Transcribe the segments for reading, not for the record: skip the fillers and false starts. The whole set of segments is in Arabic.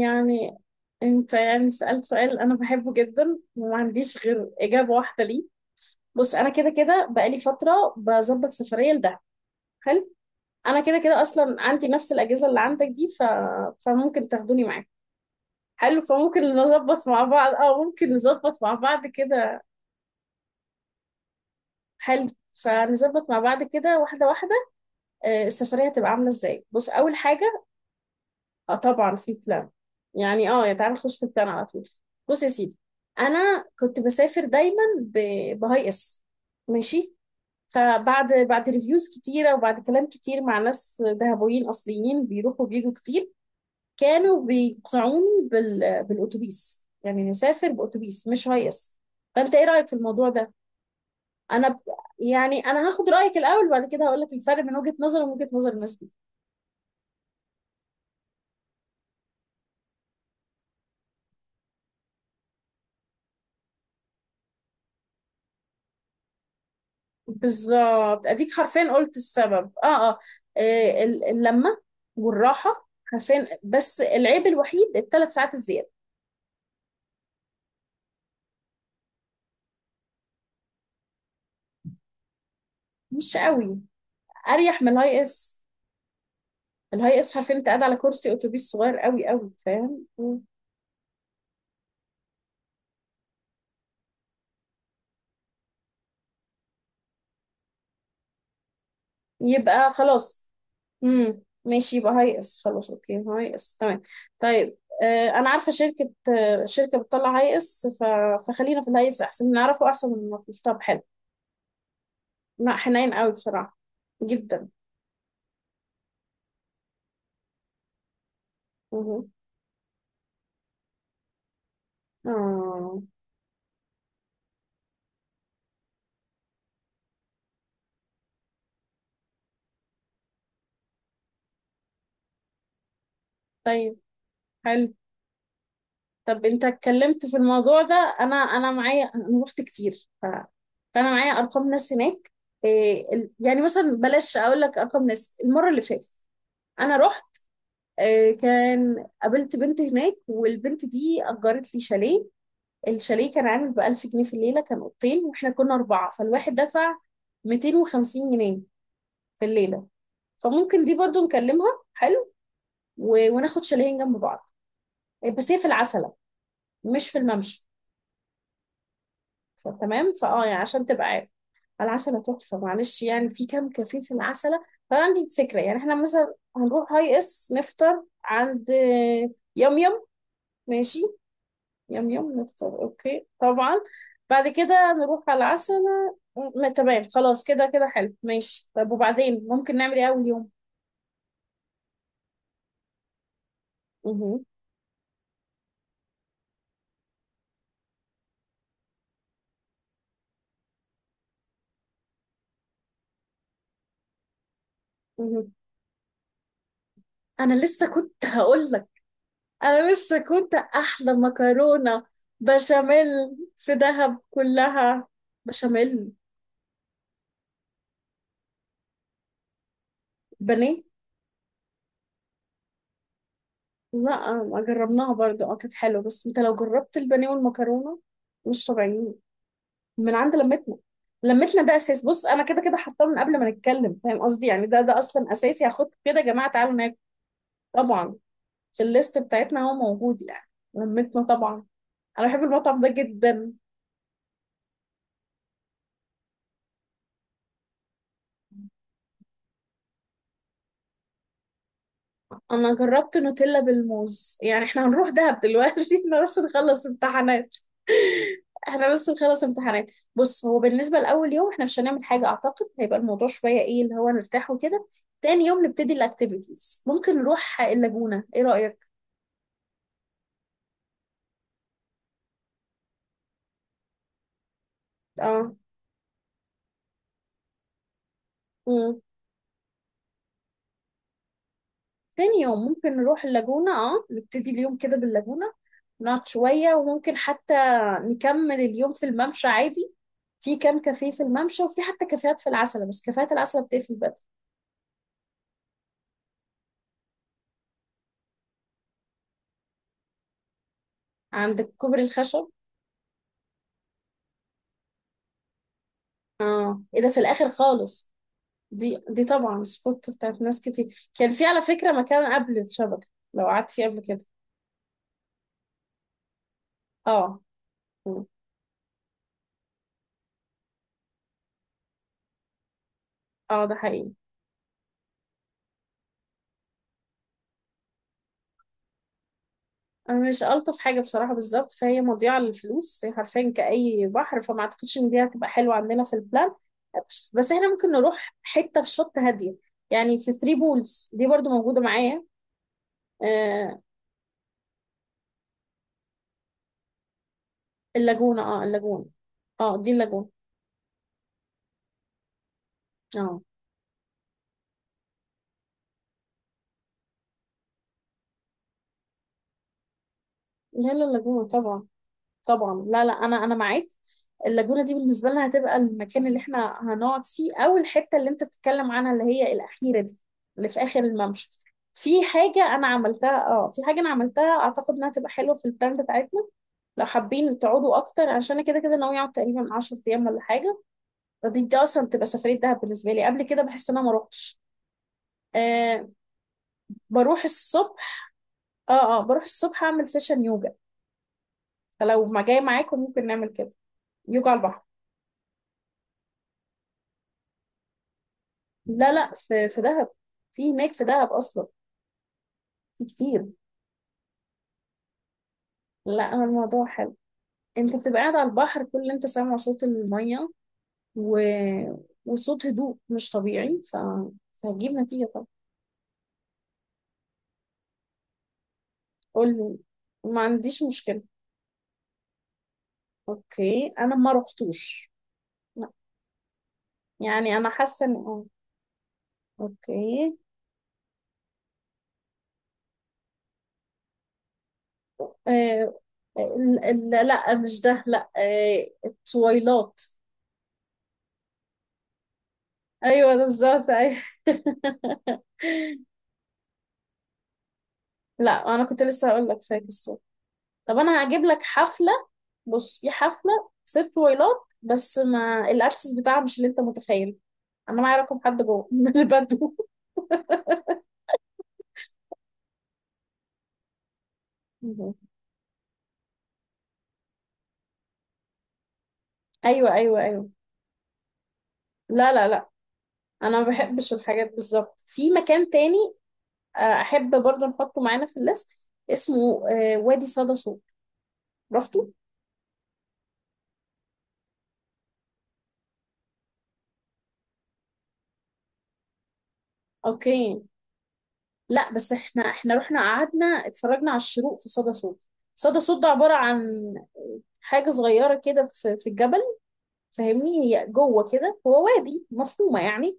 يعني انت يعني سألت سؤال انا بحبه جدا وما عنديش غير اجابة واحدة ليه. بص، انا كده كده بقالي فترة بظبط سفرية لدهب. حلو، انا كده كده اصلا عندي نفس الاجهزة اللي عندك دي فممكن تاخدوني معاك. حلو، فممكن نظبط مع بعض، ممكن نظبط مع بعض كده. حلو، فنظبط مع بعض كده واحدة واحدة. السفرية هتبقى عاملة ازاي؟ بص، اول حاجة اه طبعا في بلان، يعني يا تعالى نخش في البلان على طول. بص يا سيدي، انا كنت بسافر دايما بهاي اس. ماشي، فبعد ريفيوز كتيره وبعد كلام كتير مع ناس دهبويين اصليين بيروحوا وبيجوا كتير، كانوا بيقنعوني بالاتوبيس، يعني نسافر باتوبيس مش هاي اس. فانت ايه رايك في الموضوع ده؟ انا ب... يعني انا هاخد رايك الاول وبعد كده هقول لك الفرق بين وجهه نظري ومن وجهه نظر الناس دي. بالظبط، اديك حرفيا قلت السبب. اه اللمه والراحه حرفيا، بس العيب الوحيد الثلاث ساعات الزياده. مش قوي، اريح من الهاي اس. الهاي اس حرفيا انت قاعد على كرسي اتوبيس صغير قوي قوي، فاهم؟ يبقى خلاص. ماشي، يبقى هاي اس، خلاص، اوكي، هاي اس تمام. طيب، انا عارفه شركه، شركه بتطلع هاي اس فخلينا في الهاي اس، احسن نعرفه احسن من ما فيهوش. طب حلو، لا حنين قوي بصراحه، جدا. اه طيب، حلو. طب انت اتكلمت في الموضوع ده، انا معايا، انا رحت كتير فانا معايا ارقام ناس هناك. يعني مثلا بلاش، اقول لك ارقام ناس المره اللي فاتت انا رحت. كان قابلت بنت هناك، والبنت دي اجرت لي شاليه. الشاليه كان عامل ب 1000 جنيه في الليله، كان اوضتين، واحنا كنا اربعه، فالواحد دفع 250 جنيه في الليله. فممكن دي برضو نكلمها. حلو، وناخد شاليهين جنب بعض. بس هي في العسل، مش في الممشى. فتمام، يعني عشان تبقى عارف. العسلة تحفة، معلش يعني، في كام كافيه في العسلة، فأنا عندي فكرة، يعني احنا مثلا هنروح هاي اس نفطر عند يم يم. ماشي، يم يم نفطر، اوكي، طبعا، بعد كده نروح على العسلة. تمام، خلاص كده كده، حلو، ماشي. طب وبعدين ممكن نعمل ايه أول يوم؟ مه. مه. أنا لسه كنت هقول لك، انا لسه كنت احلى مكرونه بشاميل في دهب كلها، بشاميل، بانيه. لا ما جربناها برضو، اه كانت حلوه، بس انت لو جربت البانيه والمكرونه مش طبيعيين، من عند لمتنا. لمتنا ده اساس، بص انا كده كده حاطاه من قبل ما نتكلم، فاهم قصدي؟ يعني ده اصلا اساسي، هاخد كده يا جماعه تعالوا ناكل. طبعا في الليست بتاعتنا هو موجود يعني، لمتنا طبعا. انا بحب المطعم ده جدا. انا جربت نوتيلا بالموز، يعني احنا هنروح دهب دلوقتي؟ احنا بس نخلص امتحانات، احنا بس نخلص امتحانات. بص، هو بالنسبة لأول يوم احنا مش هنعمل حاجة، اعتقد هيبقى الموضوع شوية ايه اللي هو نرتاح وكده. تاني يوم نبتدي الاكتيفيتيز، ممكن نروح اللاجونة، ايه رأيك؟ اه مم. تاني يوم ممكن نروح اللاجونة، نبتدي اليوم كده باللاجونة، نقعد شوية وممكن حتى نكمل اليوم في الممشى عادي. في كام كافيه في الممشى، وفي حتى كافيهات في العسل، بس كافيهات العسل بتقفل. عندك كوبري الخشب، اه ايه ده في الاخر خالص. دي طبعا سبوت بتاعت ناس كتير، كان في على فكرة مكان قبل الشبكة لو قعدت فيه قبل كده. اه مم. اه ده حقيقي، انا مش الطف حاجة بصراحة، بالظبط، فهي مضيعة للفلوس، هي حرفيا كأي بحر، فما اعتقدش ان دي هتبقى حلوة عندنا في البلان. بس احنا ممكن نروح حتة في شط هادية، يعني في ثري بولز دي برضو موجودة معايا. آه اللاجونة اه اللاجونة اللاجونة، اه لا لا، اللاجونة طبعا، طبعا، لا لا، انا معاك. اللاجونه دي بالنسبه لنا هتبقى المكان اللي احنا هنقعد فيه، او الحته اللي انت بتتكلم عنها اللي هي الاخيره دي، اللي في اخر الممشى. في حاجه انا عملتها، اعتقد انها تبقى حلوه في البلان بتاعتنا. لو حابين تقعدوا اكتر، عشان أنا كده كده ناوي اقعد تقريبا 10 ايام ولا حاجه، فدي اصلا بتبقى سفريه دهب بالنسبه لي، قبل كده بحس ان انا ما روحتش. آه بروح الصبح، اه بروح الصبح اعمل سيشن يوجا. فلو ما جاي معاكم ممكن نعمل كده، يوجا على البحر. لا لا، في في دهب، في هناك في دهب اصلا، في كتير. لا هو الموضوع حلو، انت بتبقى قاعد على البحر، كل اللي انت سامعه صوت الميه و... وصوت هدوء مش طبيعي فهتجيب نتيجه طبعا. قول لي، ما عنديش مشكله. اوكي، انا ما رحتوش، لا، يعني انا حاسه ان اوكي. آه... لا مش ده، لا، التويلات، ايوه ده بالظبط، ايوه. لا انا كنت لسه هقول لك فاكس. طب انا هجيب لك حفله، بص في حفله في طويلات، بس ما الاكسس بتاعها مش اللي انت متخيل، انا معايا رقم حد جوه من البدو. ايوه ايوه ايوه، لا لا لا، انا ما بحبش الحاجات بالظبط في مكان تاني. احب برضه نحطه معانا في الليست، اسمه وادي صدى صوت، رحتوا؟ اوكي، لا بس احنا، احنا رحنا قعدنا اتفرجنا على الشروق في صدى صوت. صدى صوت ده عباره عن حاجه صغيره كده في في الجبل، فاهمني، هي جوه كده، هو وادي مفهومة يعني.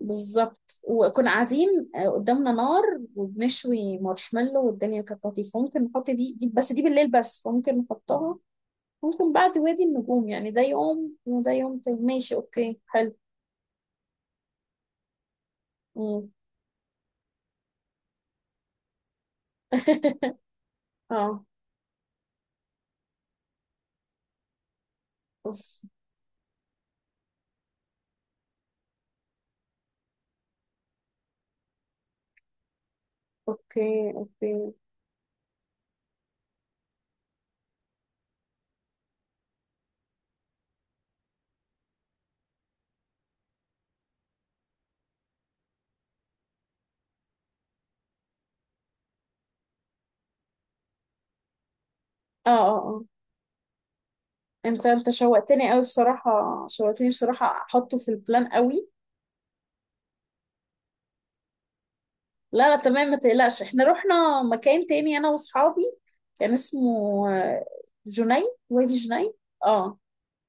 بالظبط، وكنا قاعدين، قدامنا نار وبنشوي مارشميلو، والدنيا كانت لطيفة. ممكن نحط دي، بس دي بالليل، بس ممكن نحطها، ممكن بعد وادي النجوم، يعني ده يوم وده يوم تاني، ماشي، اوكي، حلو. مم. اه بص، اوكي اوكي. اه اه اه انت شوقتني قوي بصراحة، شوقتني بصراحة، احطه في البلان قوي. لا لا تمام، ما تقلقش، احنا رحنا مكان تاني انا واصحابي، كان اسمه جني، وادي جني، اه.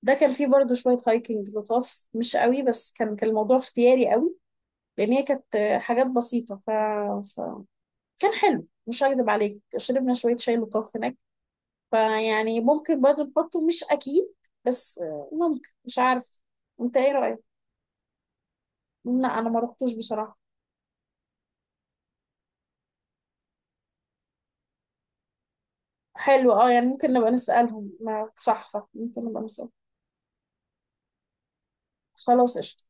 ده كان فيه برضو شوية هايكنج لطاف، مش قوي بس، كان كان الموضوع اختياري قوي، لان هي كانت حاجات بسيطة ف... كان حلو، مش هكدب عليك، شربنا شوية شاي لطاف هناك. فيعني ممكن برضو نحطه، مش اكيد، بس ممكن، مش عارف. انت ايه رأيك؟ لا انا ما رحتوش بصراحة. حلو، يعني ممكن نبقى نسألهم، ما صح صح، ممكن نبقى نسألهم. خلاص، قشطة.